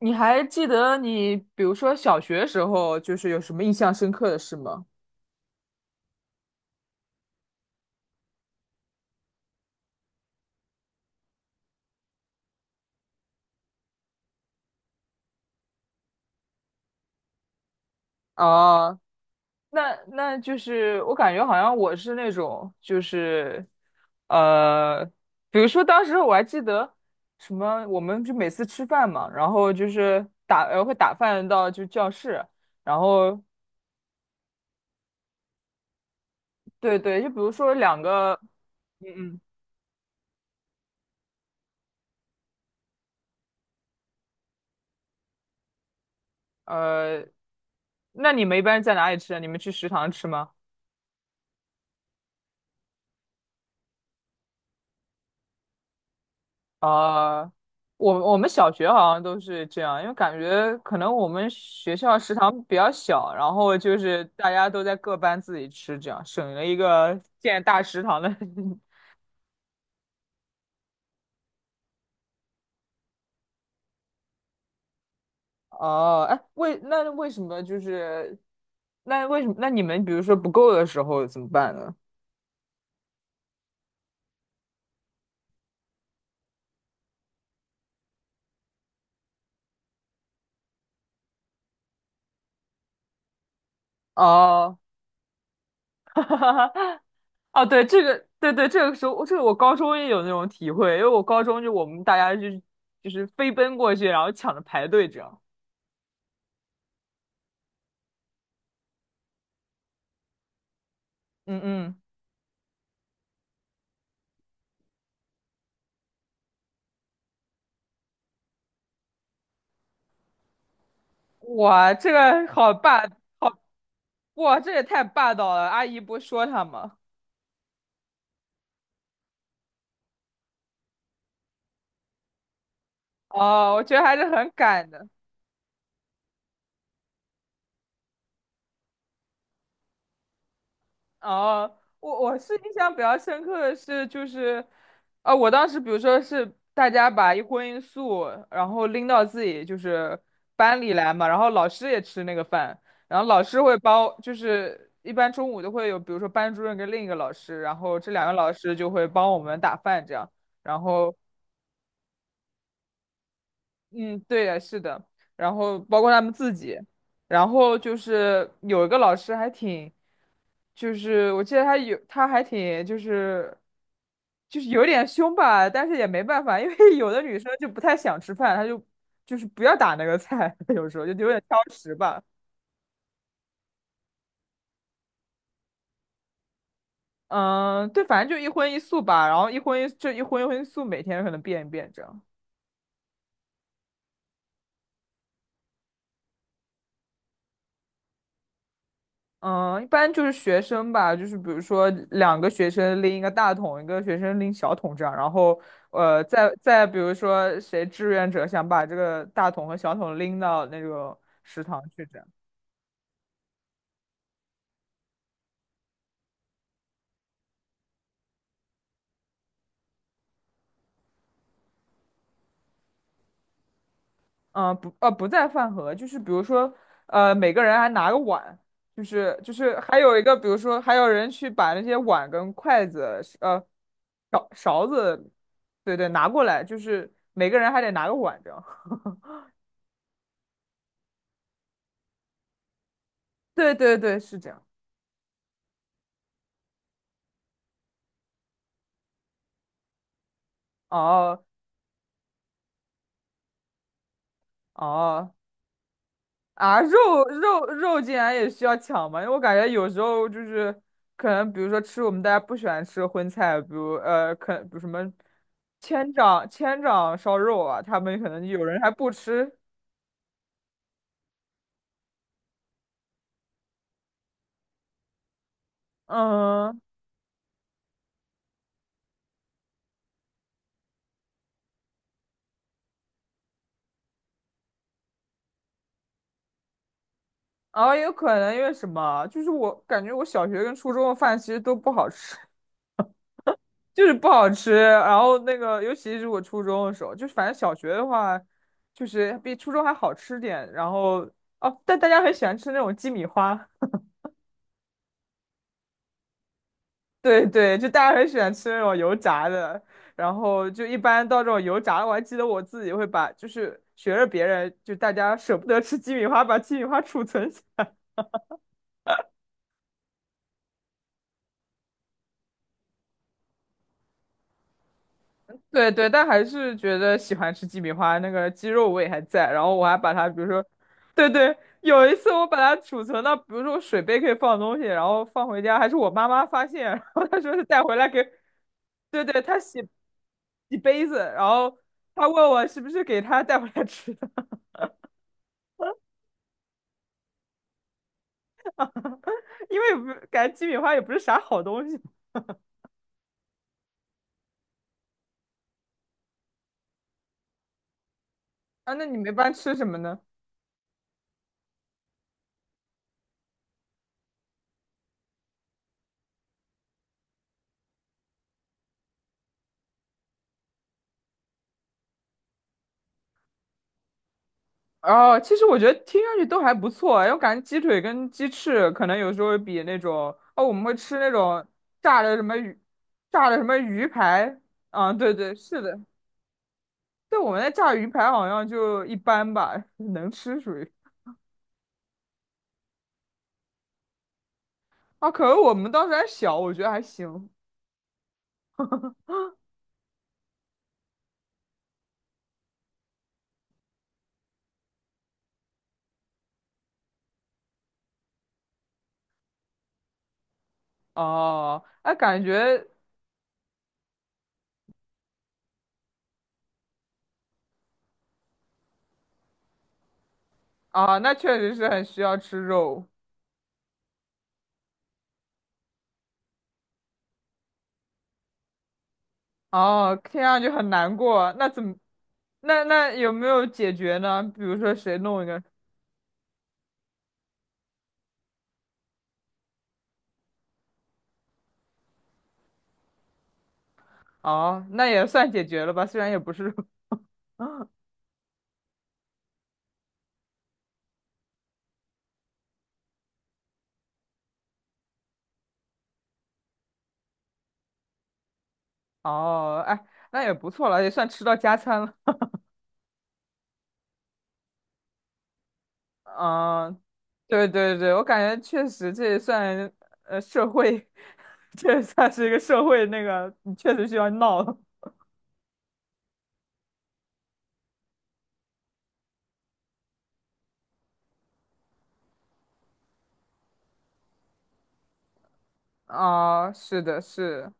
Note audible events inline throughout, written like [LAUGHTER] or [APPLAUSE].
你还记得你，比如说小学时候，就是有什么印象深刻的事吗？啊，那就是我感觉好像我是那种，就是呃，比如说当时我还记得什么，我们就每次吃饭嘛，然后就是会打饭到就教室，然后对，就比如说两个，嗯嗯，那你们一般在哪里吃啊？你们去食堂吃吗？啊、我们小学好像都是这样，因为感觉可能我们学校食堂比较小，然后就是大家都在各班自己吃，这样省了一个建大食堂的。[LAUGHS] 哦，哎，为那为什么就是那为什么那你们比如说不够的时候怎么办呢？哦，[LAUGHS] 哦，对，这个对，这个时候这个我高中也有那种体会，因为我高中就我们大家就是飞奔过去，然后抢着排队这样。嗯嗯，哇，这个好霸，哇，这也太霸道了！阿姨不说他吗？哦，我觉得还是很敢的。哦，我是印象比较深刻的是，就是，我当时比如说是大家把一荤一素，然后拎到自己就是班里来嘛，然后老师也吃那个饭，然后老师会包，就是一般中午都会有，比如说班主任跟另一个老师，然后这两个老师就会帮我们打饭这样，然后。嗯，对呀，是的，然后包括他们自己，然后就是有一个老师还挺，就是我记得他有，他还挺就是就是有点凶吧，但是也没办法，因为有的女生就不太想吃饭，她就就是不要打那个菜，[LAUGHS] 有时候就有点挑食吧。嗯，对，反正就一荤一素吧，然后一荤一就一荤一荤一素，每天可能变一变这样。嗯，一般就是学生吧，就是比如说两个学生拎一个大桶，一个学生拎小桶这样，然后再比如说谁志愿者想把这个大桶和小桶拎到那个食堂去这样，嗯，不在饭盒，就是比如说每个人还拿个碗，就是还有一个比如说还有人去把那些碗跟筷子勺子，对拿过来，就是每个人还得拿个碗这样，[LAUGHS] 对是这样。哦，哦，啊，肉竟然也需要抢吗？因为我感觉有时候就是可能，比如说吃我们大家不喜欢吃的荤菜，比如什么千掌烧肉啊，他们可能有人还不吃，嗯，然后也有可能因为什么，就是我感觉我小学跟初中的饭其实都不好吃，[LAUGHS] 就是不好吃。然后那个，尤其是我初中的时候，就是反正小学的话，就是比初中还好吃点，然后。哦，但大家很喜欢吃那种鸡米花。对，就大家很喜欢吃那种油炸的，然后就一般到这种油炸的，我还记得我自己会把，就是学着别人，就大家舍不得吃鸡米花，把鸡米花储存起来。对，但还是觉得喜欢吃鸡米花，那个鸡肉味还在，然后我还把它，比如说，对，有一次我把它储存到，比如说水杯可以放东西，然后放回家，还是我妈妈发现，[LAUGHS] 然后她说是带回来给，对,她洗杯子，然后她问我是不是给她带回来吃的。因为感觉鸡米花也不是啥好东西。啊，那你们一般吃什么呢？哦，其实我觉得听上去都还不错啊，因为我感觉鸡腿跟鸡翅可能有时候比那种哦，我们会吃那种炸的什么鱼，炸的什么鱼排。啊，对，是的，但我们那炸鱼排好像就一般吧，[LAUGHS] 能吃属于。啊，可能我们当时还小，我觉得还行。哦，那感觉啊，那确实是很需要吃肉。哦，听上去很难过。那怎么那有没有解决呢？比如说谁弄一个？哦，那也算解决了吧，虽然也不是。[LAUGHS] 哦，哎，那也不错了，也算吃到加餐了。嗯，对，我感觉确实这也算社会，[LAUGHS] 这也算是一个社会那个，你确实需要闹了。啊、是的，是。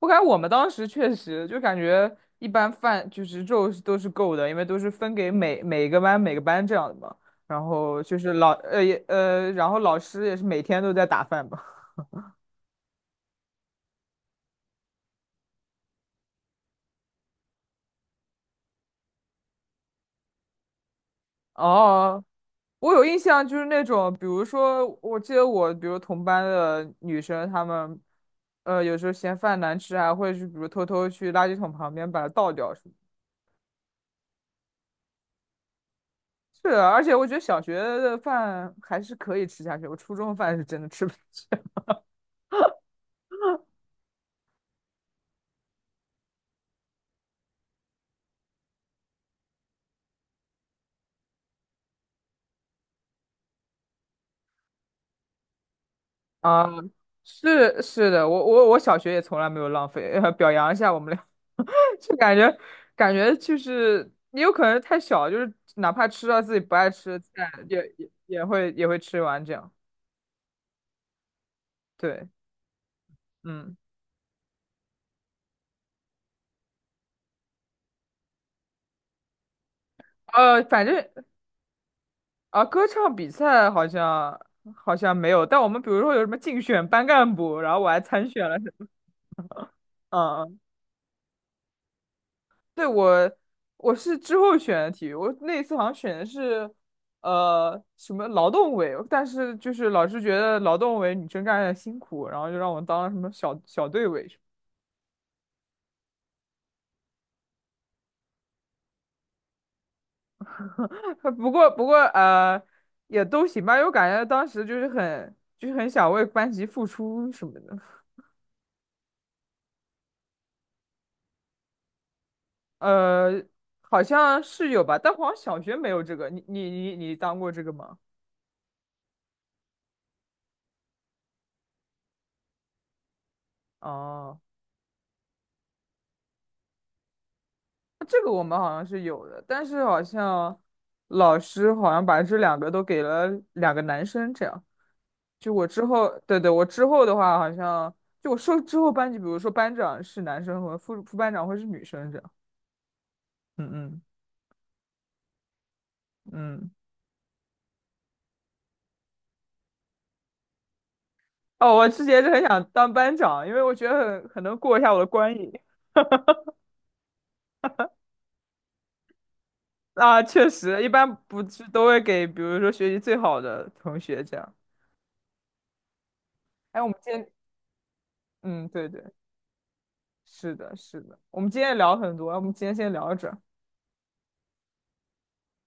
我感觉我们当时确实就感觉一般饭就是肉是都是够的，因为都是分给每个班这样的嘛。然后就是然后老师也是每天都在打饭吧。[LAUGHS] 哦，我有印象，就是那种，比如说，我记得我，比如同班的女生，她们，有时候嫌饭难吃还会去比如偷偷去垃圾桶旁边把它倒掉什么。是的，而且我觉得小学的饭还是可以吃下去，我初中的饭是真的吃不下去。啊，是是的，我小学也从来没有浪费，[LAUGHS] 表扬一下我们俩，[LAUGHS] 就感觉，感觉就是也有可能太小，就是哪怕吃到自己不爱吃的菜，也也会吃完这样。对，嗯，反正啊，歌唱比赛好像好像没有，但我们比如说有什么竞选班干部，然后我还参选了什么，嗯嗯，对，我是之后选的体育，我那一次好像选的是什么劳动委，但是就是老师觉得劳动委女生干的辛苦，然后就让我当了什么小队委什么。 [LAUGHS] 不过也都行吧，因为我感觉当时就是很想为班级付出什么的，呃好像是有吧，但好像小学没有这个，你当过这个吗？哦、这个我们好像是有的，但是好像老师好像把这两个都给了两个男生，这样。就我之后，对，我之后的话，好像就我说之后班级，比如说班长是男生和副班长会是女生这样。嗯嗯，嗯。哦，我之前是很想当班长，因为我觉得很能过一下我的关瘾。啊，确实，一般不是都会给，比如说学习最好的同学这样。哎，我们今天，嗯，对，是的，是的，我们今天也聊很多，哎我们今天先聊着。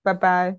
拜拜。